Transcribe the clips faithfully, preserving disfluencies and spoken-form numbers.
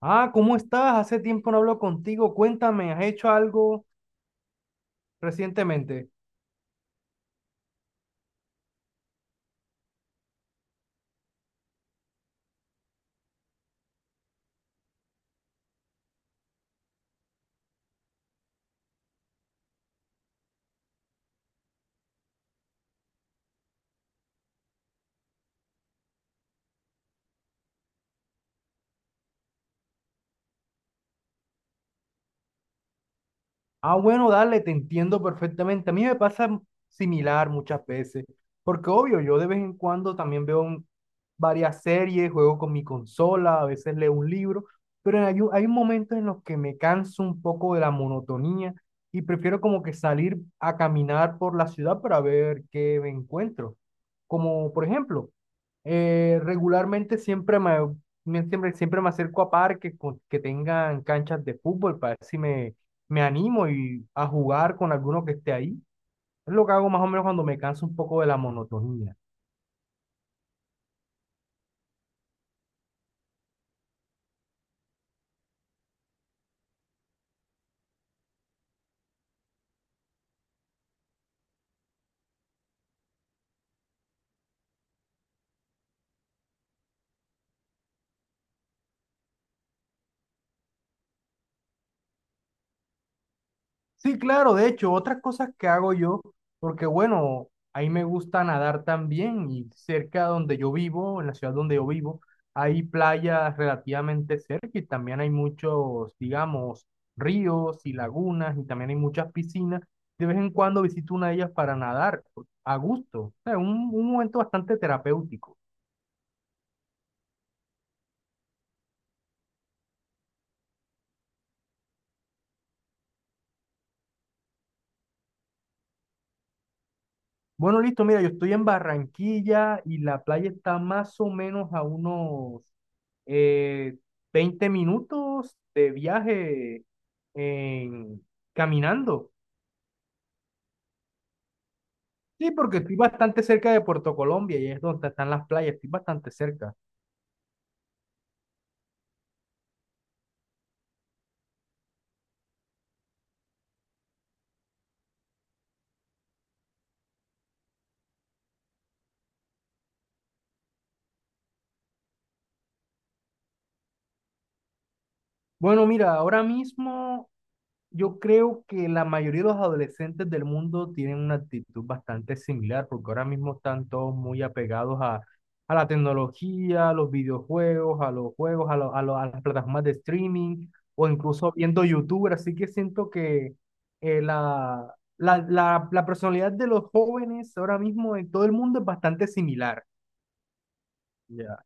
Ah, ¿cómo estás? Hace tiempo no hablo contigo. Cuéntame, ¿has hecho algo recientemente? Ah, bueno, dale, te entiendo perfectamente. A mí me pasa similar muchas veces, porque obvio, yo de vez en cuando también veo un- varias series, juego con mi consola, a veces leo un libro, pero hay, un- hay momentos en los que me canso un poco de la monotonía y prefiero como que salir a caminar por la ciudad para ver qué me encuentro. Como por ejemplo, eh, regularmente siempre me, me- siempre, siempre me acerco a parques con- que tengan canchas de fútbol para ver si me me animo y a jugar con alguno que esté ahí. Es lo que hago más o menos cuando me canso un poco de la monotonía. Sí, claro, de hecho, otras cosas que hago yo, porque bueno, ahí me gusta nadar también y cerca donde yo vivo, en la ciudad donde yo vivo, hay playas relativamente cerca y también hay muchos, digamos, ríos y lagunas y también hay muchas piscinas. De vez en cuando visito una de ellas para nadar a gusto. O sea, un un momento bastante terapéutico. Bueno, listo, mira, yo estoy en Barranquilla y la playa está más o menos a unos eh, veinte minutos de viaje en- caminando. Sí, porque estoy bastante cerca de Puerto Colombia y es donde están las playas, estoy bastante cerca. Bueno, mira, ahora mismo yo creo que la mayoría de los adolescentes del mundo tienen una actitud bastante similar, porque ahora mismo están todos muy apegados a, a la tecnología, a los videojuegos, a los juegos, a, lo- a, lo- a las plataformas de streaming o incluso viendo YouTube. Así que siento que eh, la, la, la, la personalidad de los jóvenes ahora mismo en todo el mundo es bastante similar. Ya.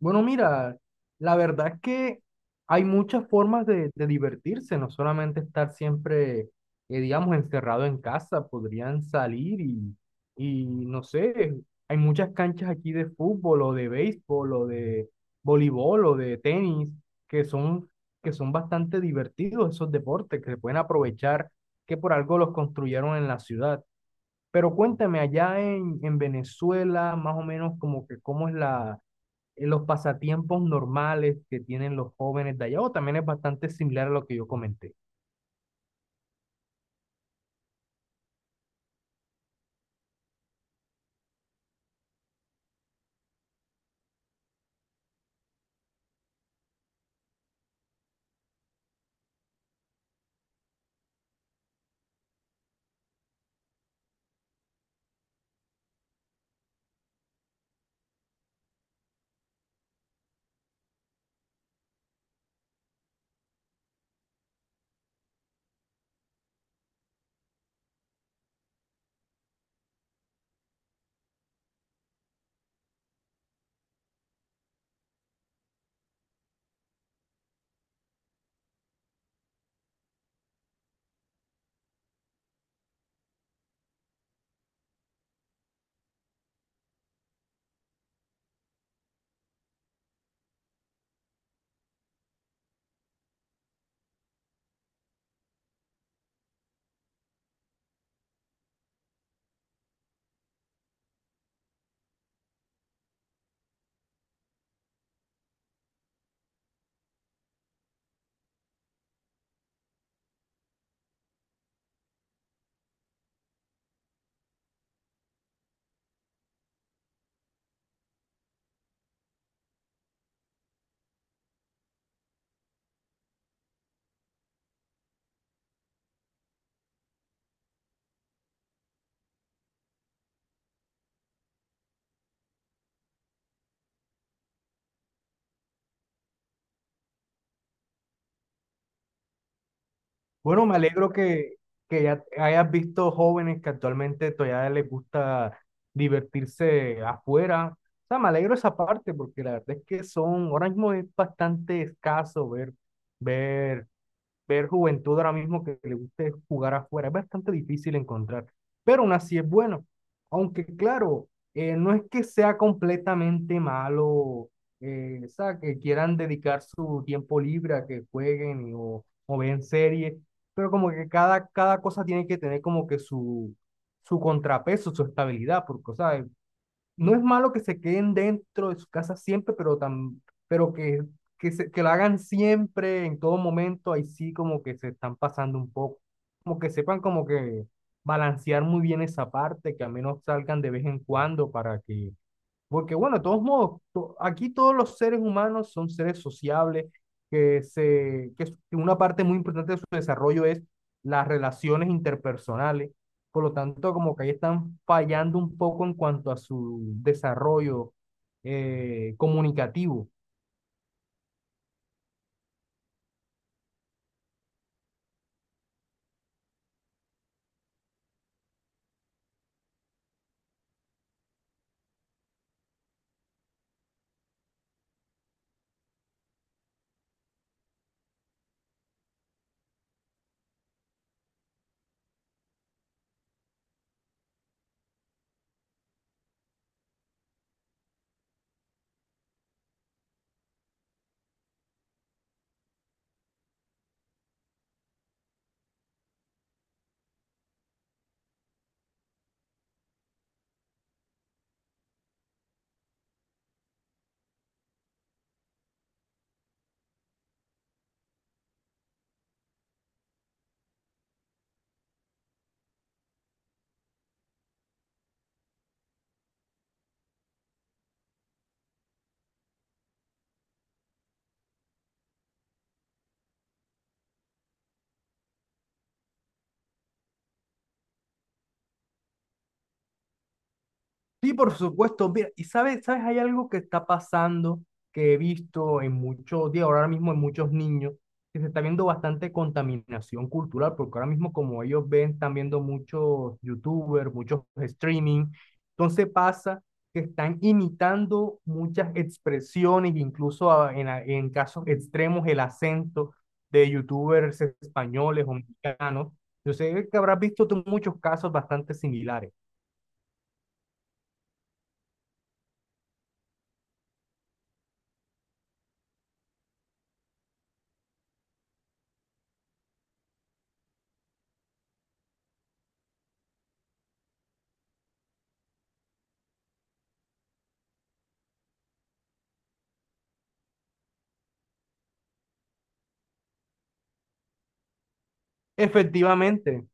Bueno, mira, la verdad es que hay muchas formas de, de divertirse, no solamente estar siempre, eh, digamos, encerrado en casa, podrían salir y, y no sé, hay muchas canchas aquí de fútbol o de béisbol o de voleibol o de tenis que son, que son bastante divertidos esos deportes que se pueden aprovechar, que por algo los construyeron en la ciudad. Pero cuéntame, allá en, en Venezuela, más o menos como que cómo es la eh, los pasatiempos normales que tienen los jóvenes de allá, o también es bastante similar a lo que yo comenté. Bueno, me alegro que, que ya hayas visto jóvenes que actualmente todavía les gusta divertirse afuera. O sea, me alegro esa parte porque la verdad es que son, ahora mismo es bastante escaso ver, ver ver juventud ahora mismo que le guste jugar afuera. Es bastante difícil encontrar, pero aún así es bueno. Aunque claro, eh, no es que sea completamente malo, eh, o sea, que quieran dedicar su tiempo libre a que jueguen o, o vean series, pero como que cada, cada cosa tiene que tener como que su, su contrapeso, su estabilidad, porque, o sea, no es malo que se queden dentro de su casa siempre, pero, tam pero que, que, se, que lo hagan siempre, en todo momento, ahí sí como que se están pasando un poco, como que sepan como que balancear muy bien esa parte, que al menos salgan de vez en cuando para que porque bueno, de todos modos, to- aquí todos los seres humanos son seres sociables, que, se, que es- que una parte muy importante de su desarrollo es las relaciones interpersonales. Por lo tanto, como que ahí están fallando un poco en cuanto a su desarrollo eh, comunicativo. Sí, por supuesto. Mira, y sabes, sabes, hay algo que está pasando que he visto en muchos días, ahora mismo en muchos niños, que se está viendo bastante contaminación cultural, porque ahora mismo como ellos ven, están viendo muchos youtubers, muchos streaming. Entonces pasa que están imitando muchas expresiones, incluso a- en, a- en casos extremos el acento de youtubers españoles o mexicanos. Yo sé que habrás visto tú muchos casos bastante similares. Efectivamente.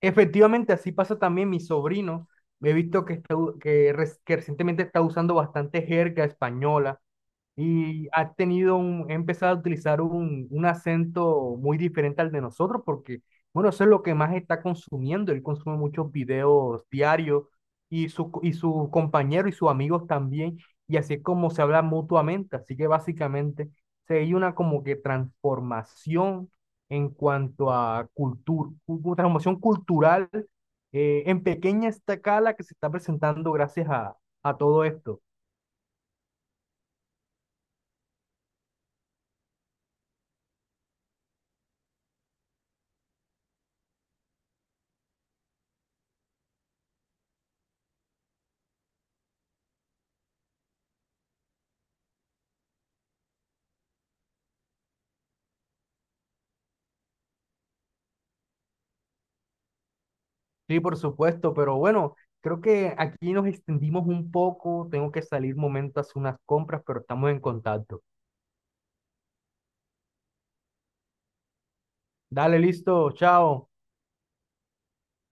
Efectivamente, así pasa también mi sobrino. He visto que, está u- que, res- que recientemente está usando bastante jerga española, y ha tenido un, ha empezado a utilizar un, un acento muy diferente al de nosotros, porque, bueno, eso es lo que más está consumiendo. Él consume muchos videos diarios y su, y su compañero y sus amigos también, y así es como se habla mutuamente. Así que básicamente se hay una como que transformación en cuanto a cultura, transformación cultural eh, en pequeña escala que se está presentando gracias a, a todo esto. Sí, por supuesto, pero bueno, creo que aquí nos extendimos un poco. Tengo que salir momento a hacer unas compras, pero estamos en contacto. Dale, listo, chao.